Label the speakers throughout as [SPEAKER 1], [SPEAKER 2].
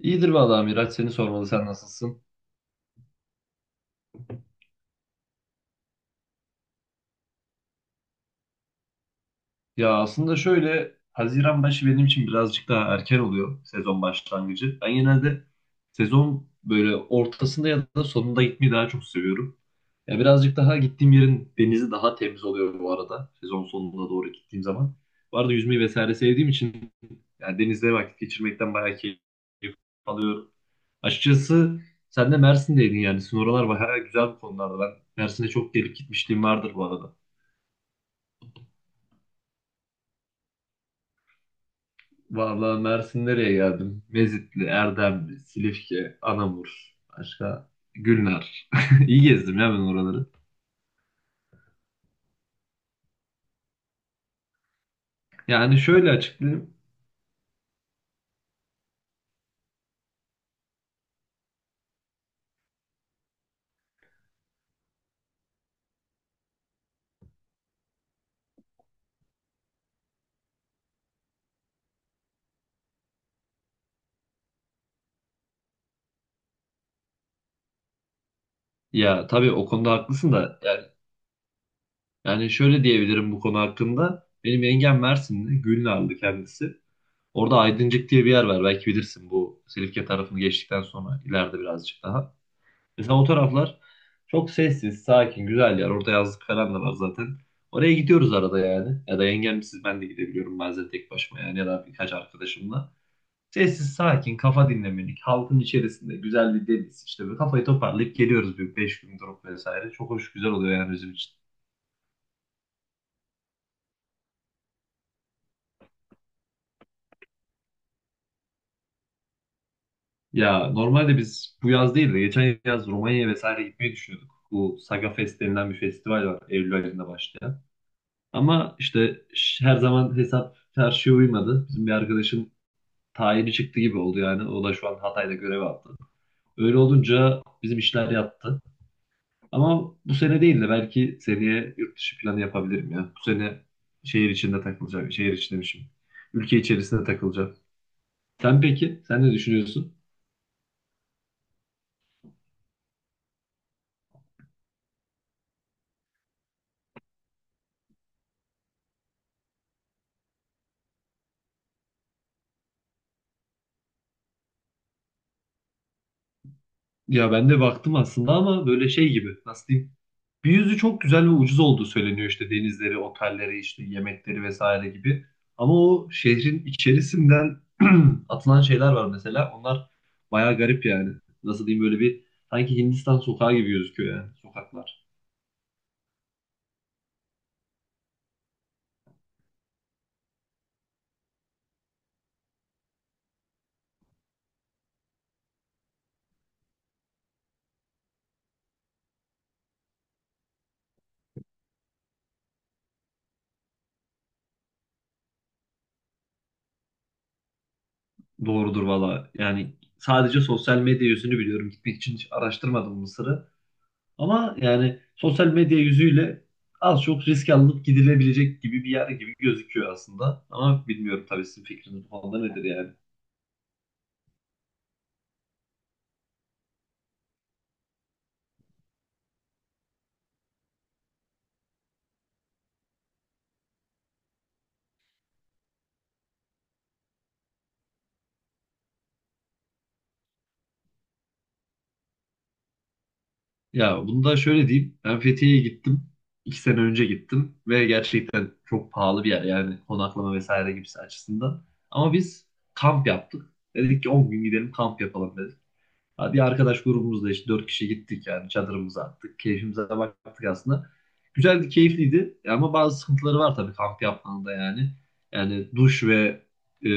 [SPEAKER 1] İyidir vallahi Miraç, seni sormalı, sen nasılsın? Ya aslında şöyle, Haziran başı benim için birazcık daha erken oluyor sezon başlangıcı. Ben genelde sezon böyle ortasında ya da sonunda gitmeyi daha çok seviyorum. Ya birazcık daha gittiğim yerin denizi daha temiz oluyor bu arada sezon sonuna doğru gittiğim zaman. Bu arada yüzmeyi vesaire sevdiğim için yani denizde vakit geçirmekten bayağı keyif alıyorum. Açıkçası sen de Mersin'deydin, yani sizin oralar bayağı güzel bu konularda. Ben Mersin'e çok gelip gitmişliğim vardır bu arada. Vallahi Mersin, nereye geldim? Mezitli, Erdemli, Silifke, Anamur, başka Gülnar. İyi gezdim ya ben oraları. Yani şöyle açıklayayım. Ya tabii o konuda haklısın da, yani, yani şöyle diyebilirim bu konu hakkında. Benim yengem Mersinli, Gülnarlı kendisi. Orada Aydıncık diye bir yer var, belki bilirsin, bu Silifke tarafını geçtikten sonra ileride birazcık daha. Mesela o taraflar çok sessiz, sakin, güzel yer. Orada yazlık falan da var zaten. Oraya gidiyoruz arada yani. Ya da yengemsiz ben de gidebiliyorum bazen tek başıma yani, ya da birkaç arkadaşımla. Sessiz, sakin, kafa dinlemelik, halkın içerisinde güzel bir deniz, işte böyle kafayı toparlayıp geliyoruz bir 5 gün durup vesaire. Çok hoş, güzel oluyor yani bizim için. Ya normalde biz bu yaz değil de geçen yaz Romanya'ya vesaire gitmeyi düşünüyorduk. Bu Saga Fest denilen bir festival var Eylül ayında başlayan. Ama işte her zaman hesap çarşıya uymadı. Bizim bir arkadaşın tayini çıktı gibi oldu yani. O da şu an Hatay'da görev aldı. Öyle olunca bizim işler yattı. Ama bu sene değil de belki seneye yurt dışı planı yapabilirim ya. Bu sene şehir içinde takılacağım. Şehir içi demişim. Ülke içerisinde takılacağım. Sen peki? Sen ne düşünüyorsun? Ya ben de baktım aslında ama böyle şey gibi. Nasıl diyeyim? Bir yüzü çok güzel ve ucuz olduğu söyleniyor, işte denizleri, otelleri, işte yemekleri vesaire gibi. Ama o şehrin içerisinden atılan şeyler var mesela. Onlar bayağı garip yani. Nasıl diyeyim, böyle bir sanki Hindistan sokağı gibi gözüküyor yani sokaklar. Doğrudur valla. Yani sadece sosyal medya yüzünü biliyorum. Gitmek için hiç araştırmadım Mısır'ı. Ama yani sosyal medya yüzüyle az çok risk alınıp gidilebilecek gibi bir yer gibi gözüküyor aslında. Ama bilmiyorum tabii, sizin fikriniz bu konuda nedir yani. Ya bunu da şöyle diyeyim. Ben Fethiye'ye gittim. İki sene önce gittim ve gerçekten çok pahalı bir yer yani konaklama vesaire gibisi açısından. Ama biz kamp yaptık. Dedik ki 10 gün gidelim, kamp yapalım. Hadi, arkadaş grubumuzda işte dört kişi gittik yani, çadırımızı attık. Keyfimize baktık aslında. Güzeldi, keyifliydi ama bazı sıkıntıları var tabii kamp yapmanın da yani. Yani duş ve e,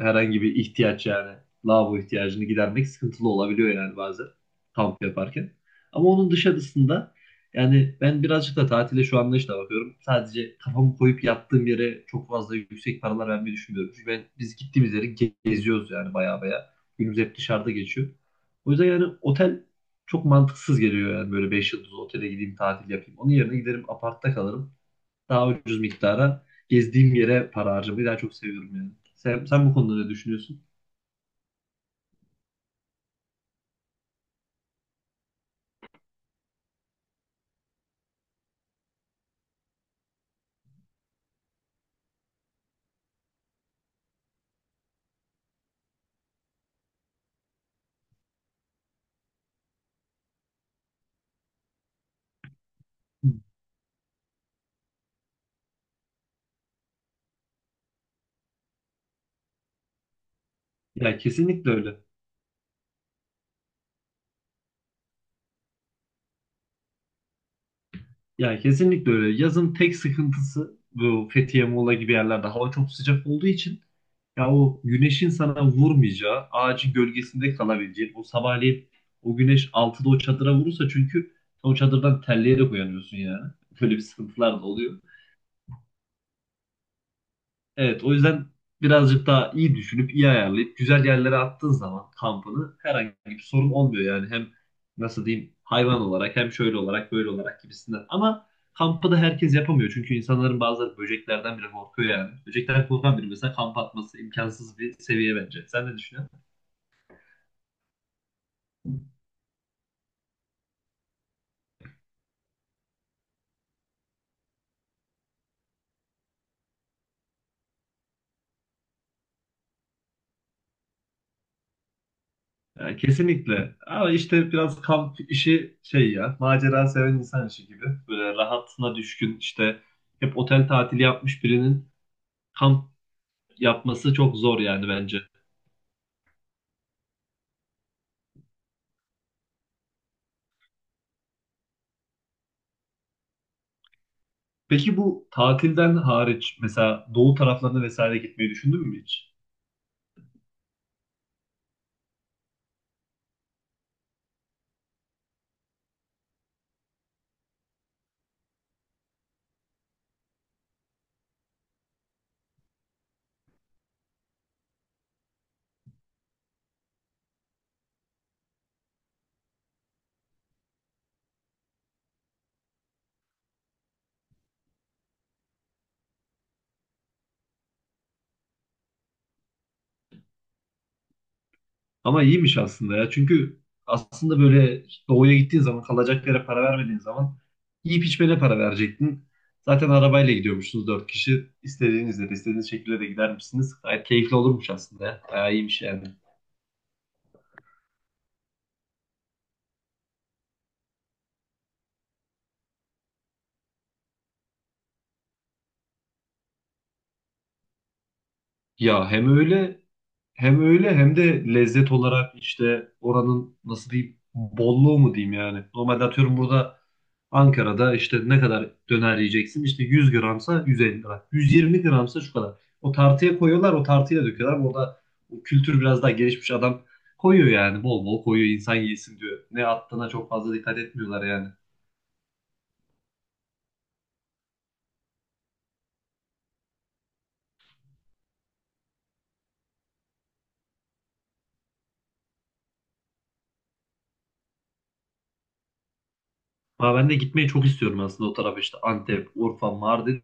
[SPEAKER 1] herhangi bir ihtiyaç, yani lavabo ihtiyacını gidermek sıkıntılı olabiliyor yani bazen kamp yaparken. Ama onun dışarısında, yani ben birazcık da tatile şu anlayışla bakıyorum. Sadece kafamı koyup yattığım yere çok fazla yüksek paralar vermeyi düşünmüyorum. Çünkü ben, biz gittiğimiz yeri geziyoruz yani baya baya. Günümüz hep dışarıda geçiyor. O yüzden yani otel çok mantıksız geliyor yani, böyle 5 yıldızlı otele gideyim tatil yapayım. Onun yerine giderim, apartta kalırım. Daha ucuz miktara gezdiğim yere para harcamayı daha çok seviyorum yani. Sen, sen bu konuda ne düşünüyorsun? Hı. Ya kesinlikle öyle. Ya kesinlikle öyle. Yazın tek sıkıntısı bu Fethiye, Muğla gibi yerlerde hava çok sıcak olduğu için ya o güneşin sana vurmayacağı, ağacın gölgesinde kalabileceğin, o sabahleyin o güneş altıda o çadıra vurursa çünkü o çadırdan terleyerek uyanıyorsun yani. Böyle bir sıkıntılar da oluyor. Evet, o yüzden birazcık daha iyi düşünüp iyi ayarlayıp güzel yerlere attığın zaman kampını herhangi bir sorun olmuyor yani, hem nasıl diyeyim, hayvan olarak hem şöyle olarak böyle olarak gibisinden. Ama kampı da herkes yapamıyor çünkü insanların bazıları böceklerden bile korkuyor yani. Böcekten korkan biri mesela kamp atması imkansız bir seviye bence. Sen ne düşünüyorsun? Ya, kesinlikle. Ama işte biraz kamp işi şey, ya macera seven insan işi gibi. Böyle rahatına düşkün, işte hep otel tatili yapmış birinin kamp yapması çok zor yani bence. Peki bu tatilden hariç mesela doğu taraflarına vesaire gitmeyi düşündün mü hiç? Ama iyiymiş aslında ya. Çünkü aslında böyle doğuya gittiğin zaman kalacak yere para vermediğin zaman yiyip içmene para verecektin. Zaten arabayla gidiyormuşsunuz dört kişi. İstediğinizde de istediğiniz şekilde de gider misiniz? Gayet keyifli olurmuş aslında ya. Bayağı iyiymiş yani. Ya hem öyle hem öyle, hem de lezzet olarak işte oranın nasıl diyeyim bolluğu mu diyeyim yani. Normalde atıyorum burada Ankara'da işte ne kadar döner yiyeceksin? İşte 100 gramsa 150 lira. 120 gramsa şu kadar. O tartıya koyuyorlar, o tartıyla döküyorlar. Burada o kültür biraz daha gelişmiş, adam koyuyor yani, bol bol koyuyor, insan yesin diyor. Ne attığına çok fazla dikkat etmiyorlar yani. Ama ben de gitmeyi çok istiyorum aslında o tarafa, işte Antep, Urfa, Mardin.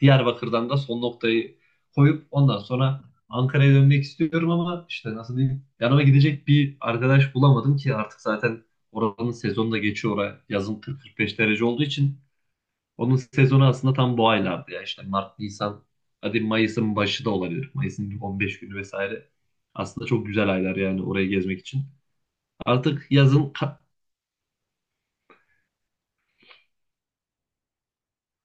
[SPEAKER 1] Diyarbakır'dan da son noktayı koyup ondan sonra Ankara'ya dönmek istiyorum ama işte nasıl diyeyim yanıma gidecek bir arkadaş bulamadım ki, artık zaten oranın sezonu da geçiyor, oraya yazın 40-45 derece olduğu için. Onun sezonu aslında tam bu aylardı ya, işte Mart, Nisan, hadi Mayıs'ın başı da olabilir, Mayıs'ın 15 günü vesaire aslında çok güzel aylar yani orayı gezmek için artık yazın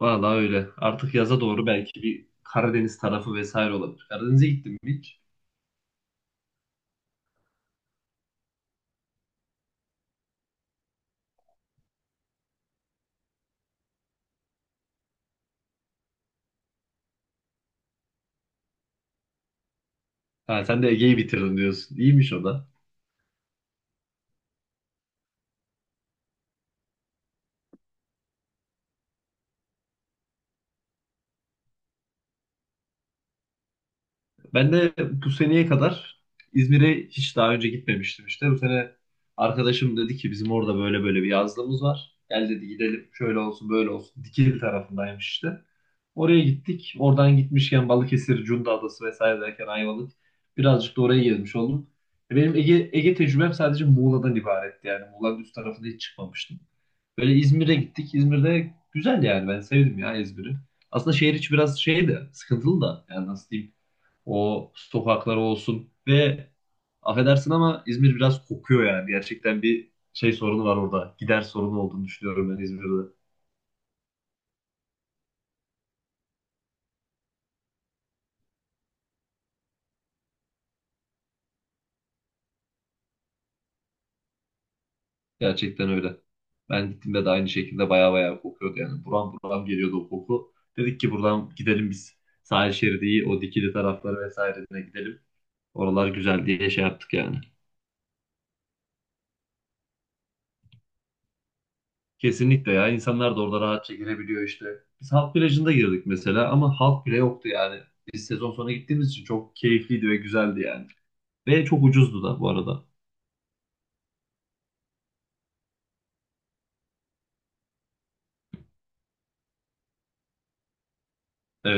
[SPEAKER 1] Vallahi öyle. Artık yaza doğru belki bir Karadeniz tarafı vesaire olabilir. Karadeniz'e gittim mi hiç? Ha, sen de Ege'yi bitirdin diyorsun. İyiymiş o da. Ben de bu seneye kadar İzmir'e hiç daha önce gitmemiştim işte. Bu sene arkadaşım dedi ki bizim orada böyle böyle bir yazlığımız var. Gel dedi, gidelim, şöyle olsun böyle olsun. Dikili tarafındaymış işte. Oraya gittik. Oradan gitmişken Balıkesir, Cunda Adası vesaire derken Ayvalık. Birazcık da oraya gezmiş oldum. E, benim Ege, Ege tecrübem sadece Muğla'dan ibaretti yani. Muğla'nın üst tarafında hiç çıkmamıştım. Böyle İzmir'e gittik. İzmir'de güzel yani, ben sevdim ya İzmir'i. Aslında şehir içi biraz şey de sıkıntılı da yani nasıl diyeyim. O sokakları olsun ve affedersin ama İzmir biraz kokuyor yani. Gerçekten bir şey sorunu var orada. Gider sorunu olduğunu düşünüyorum ben İzmir'de. Gerçekten öyle. Ben gittiğimde de aynı şekilde baya baya kokuyordu yani. Buram buram geliyordu o koku. Dedik ki buradan gidelim biz. Sahil şeridiyi, o dikili tarafları vesairesine gidelim. Oralar güzel diye şey yaptık yani. Kesinlikle ya. İnsanlar da orada rahatça girebiliyor işte. Biz halk plajında girdik mesela ama halk bile yoktu yani. Biz sezon sonu gittiğimiz için çok keyifliydi ve güzeldi yani. Ve çok ucuzdu da bu arada. Ee,